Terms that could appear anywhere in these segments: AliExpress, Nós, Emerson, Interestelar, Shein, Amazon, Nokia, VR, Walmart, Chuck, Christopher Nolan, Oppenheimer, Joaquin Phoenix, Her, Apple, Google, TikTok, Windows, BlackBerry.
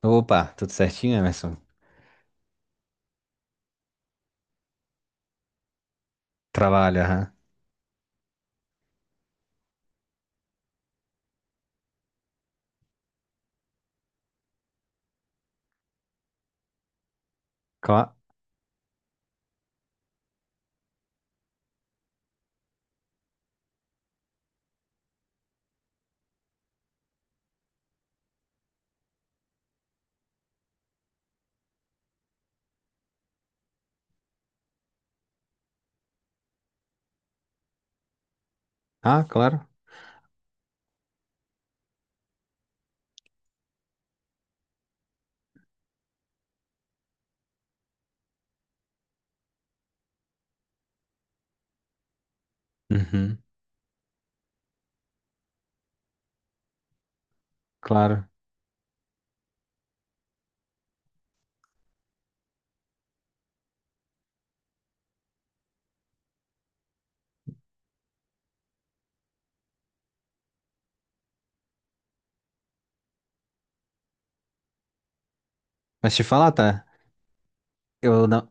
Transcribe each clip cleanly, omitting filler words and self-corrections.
Opa, tudo certinho, Emerson? Trabalho, aham. Cla- ah, claro. Uhum, claro. Mas te falar, tá? Eu não,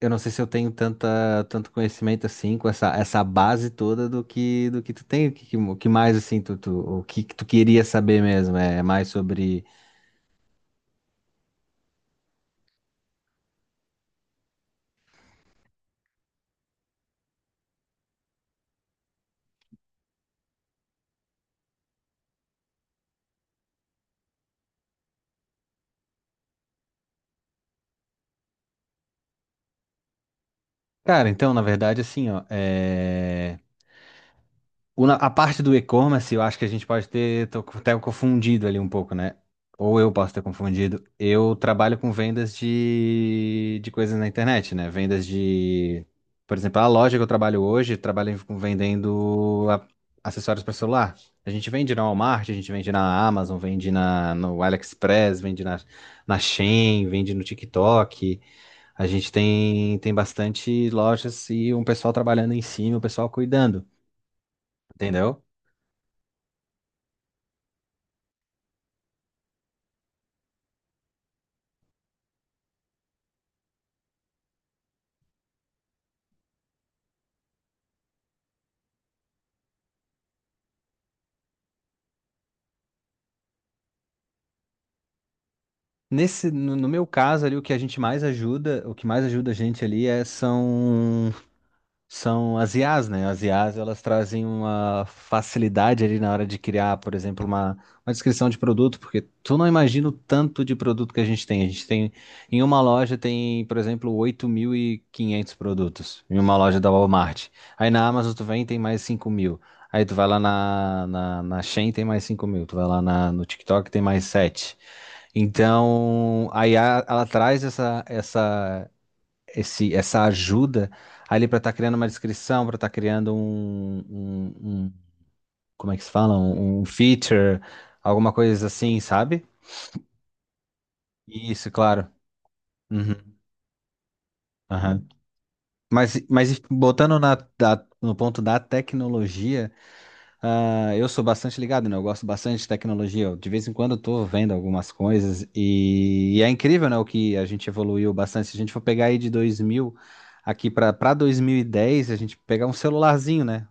eu não sei se eu tenho tanto conhecimento assim, com essa base toda do do que tu tem, o que, que o que mais, assim, o que tu queria saber mesmo, é mais sobre. Cara, então, na verdade, assim, ó, é. A parte do e-commerce, eu acho que a gente pode ter até confundido ali um pouco, né? Ou eu posso ter confundido. Eu trabalho com vendas de coisas na internet, né? Vendas de. Por exemplo, a loja que eu trabalho hoje, trabalho com acessórios para celular. A gente vende na Walmart, a gente vende na Amazon, vende no AliExpress, vende na, na Shein, vende no TikTok. A gente tem bastante lojas e um pessoal trabalhando em cima, o pessoal cuidando, entendeu? Nesse, no meu caso ali, o que a gente mais ajuda, o que mais ajuda a gente ali são as IAs, né? As IAs, elas trazem uma facilidade ali na hora de criar, por exemplo, uma descrição de produto, porque tu não imagina o tanto de produto que a gente tem. A gente tem, em uma loja tem, por exemplo, 8.500 produtos, em uma loja da Walmart. Aí na Amazon tu vem e tem mais 5.000. Aí tu vai lá na Shein tem mais 5.000, tu vai lá no TikTok tem mais sete. Então, a IA, ela traz essa ajuda ali para estar criando uma descrição, para estar criando um. um- Como é que se fala? Um feature, alguma coisa assim, sabe? Isso, claro. Uhum, aham. Mas botando no ponto da tecnologia. Ah, eu sou bastante ligado, né? Eu gosto bastante de tecnologia. Eu, de vez em quando eu tô vendo algumas coisas e é incrível, né? O que a gente evoluiu bastante. Se a gente for pegar aí de 2000 aqui para 2010, a gente pegar um celularzinho, né?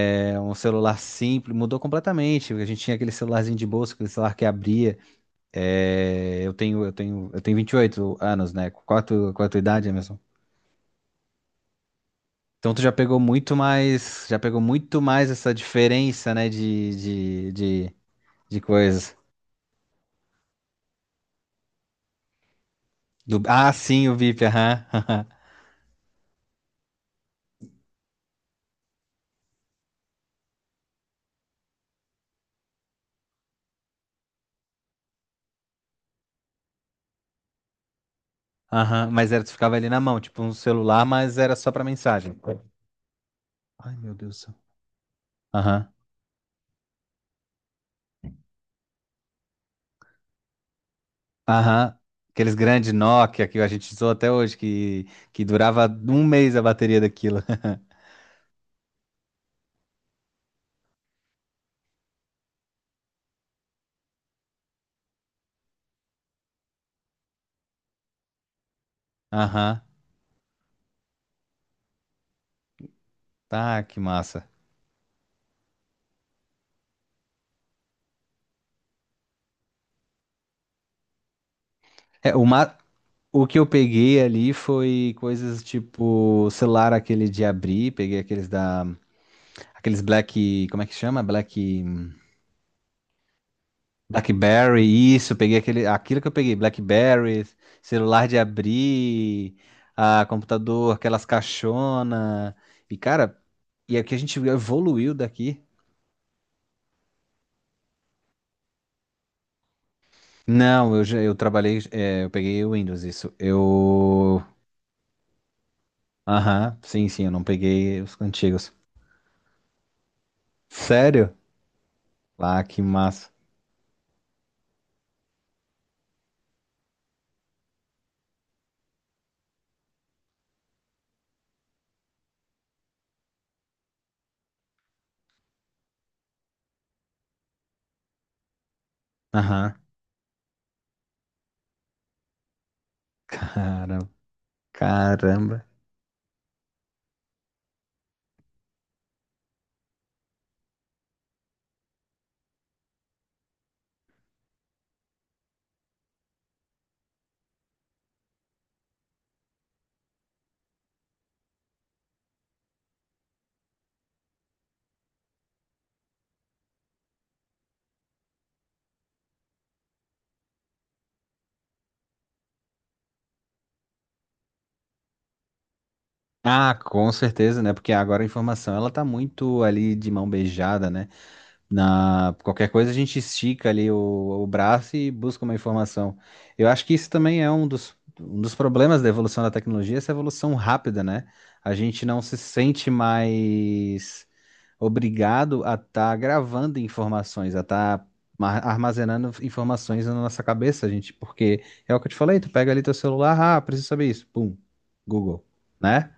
É um celular simples, mudou completamente. A gente tinha aquele celularzinho de bolsa, aquele celular que abria. É, eu tenho 28 anos, né? Qual a tua idade, Emerson? Então tu já pegou muito mais, já pegou muito mais essa diferença, né, de coisas. Ah, sim, o VIP, aham, aham. Aham. Mas era, tu ficava ali na mão, tipo um celular, mas era só pra mensagem. Ai, meu Deus do céu. Aham, aham. Aqueles grandes Nokia que a gente usou até hoje, que durava 1 mês a bateria daquilo. Aham. Tá, que massa. É, o, o que eu peguei ali foi coisas tipo celular aquele de abrir, peguei aqueles da. Aqueles Black. Como é que chama? Black. BlackBerry, isso, eu peguei aquele, aquilo que eu peguei, BlackBerry, celular de abrir, ah, computador, aquelas caixona. E cara, e é que a gente evoluiu daqui. Não, eu trabalhei, é, eu peguei o Windows, isso. Eu, aham, sim, sim, eu não peguei os antigos. Sério? Ah, que massa. Aham. Caramba, caramba. Ah, com certeza, né? Porque agora a informação ela tá muito ali de mão beijada, né? Na qualquer coisa a gente estica ali o braço e busca uma informação. Eu acho que isso também é um dos problemas da evolução da tecnologia, essa evolução rápida, né? A gente não se sente mais obrigado a estar gravando informações, a estar armazenando informações na nossa cabeça, gente, porque é o que eu te falei, tu pega ali teu celular, ah, preciso saber isso, pum, Google, né?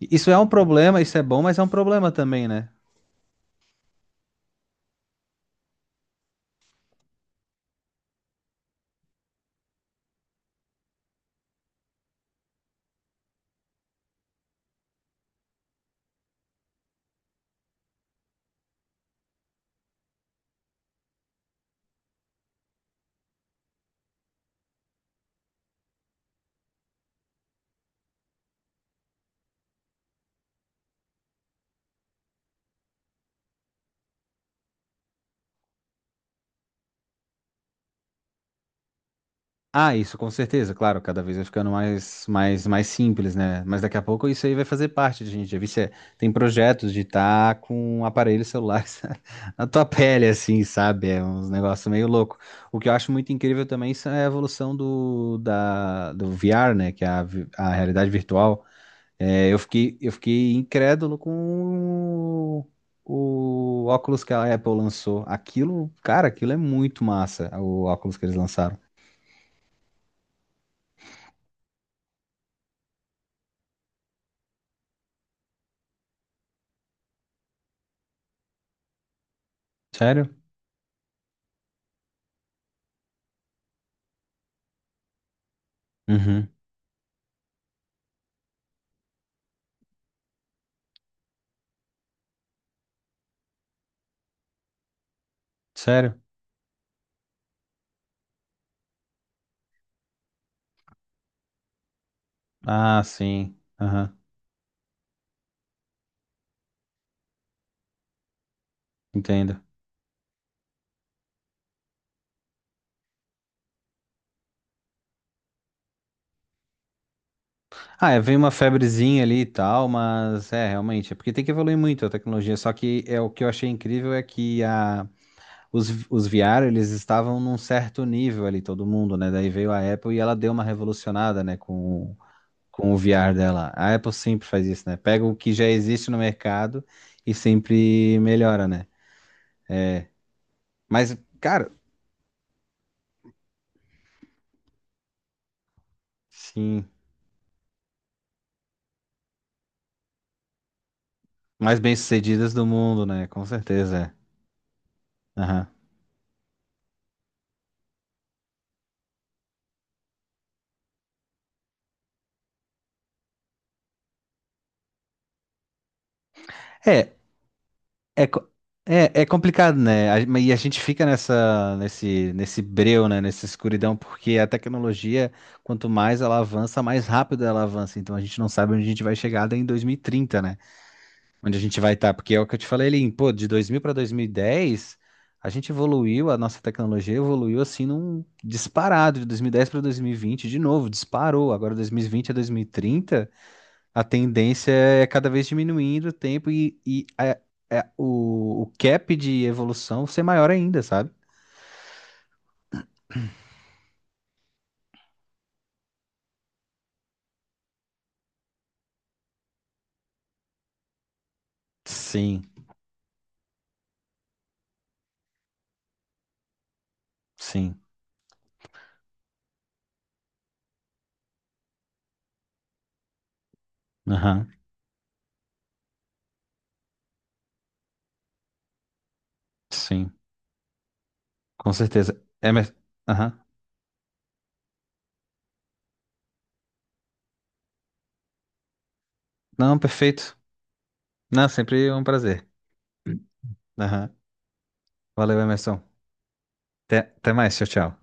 Isso é um problema, isso é bom, mas é um problema também, né? Ah, isso com certeza, claro, cada vez vai ficando mais simples, né? Mas daqui a pouco isso aí vai fazer parte de gente. Já vi se é- Tem projetos de estar com aparelhos celulares na tua pele, assim, sabe? É uns negócios meio louco. O que eu acho muito incrível também isso é a evolução do VR, né? Que é a realidade virtual. É, eu fiquei incrédulo com o óculos que a Apple lançou. Aquilo, cara, aquilo é muito massa, o óculos que eles lançaram. Sério? Uhum. Sério? Ah, sim. Aham. Entendo. Ah, é, veio uma febrezinha ali e tal, mas é, realmente, é porque tem que evoluir muito a tecnologia. Só que é o que eu achei incrível é que a, os VR, eles estavam num certo nível ali, todo mundo, né? Daí veio a Apple e ela deu uma revolucionada, né, com o VR dela. A Apple sempre faz isso, né? Pega o que já existe no mercado e sempre melhora, né? Mas, cara, sim, mais bem-sucedidas do mundo, né? Com certeza, é. Aham. É, É, co- é, é complicado, né? E a gente fica nessa, nesse breu, né? Nessa escuridão, porque a tecnologia, quanto mais ela avança, mais rápido ela avança. Então a gente não sabe onde a gente vai chegar daí em 2030, né? Onde a gente vai estar. Porque é o que eu te falei ali, pô, de 2000 para 2010 a gente evoluiu, a nossa tecnologia evoluiu assim num disparado, de 2010 para 2020 de novo, disparou. Agora 2020 a 2030 a tendência é cada vez diminuindo o tempo e a. O, o cap de evolução ser maior ainda, sabe? Sim, sim. Aham, sim. Com certeza. Emerson. Aham. Não, perfeito. Não, sempre um prazer. Aham. Valeu, Emerson. Até, até mais. Tchau, tchau.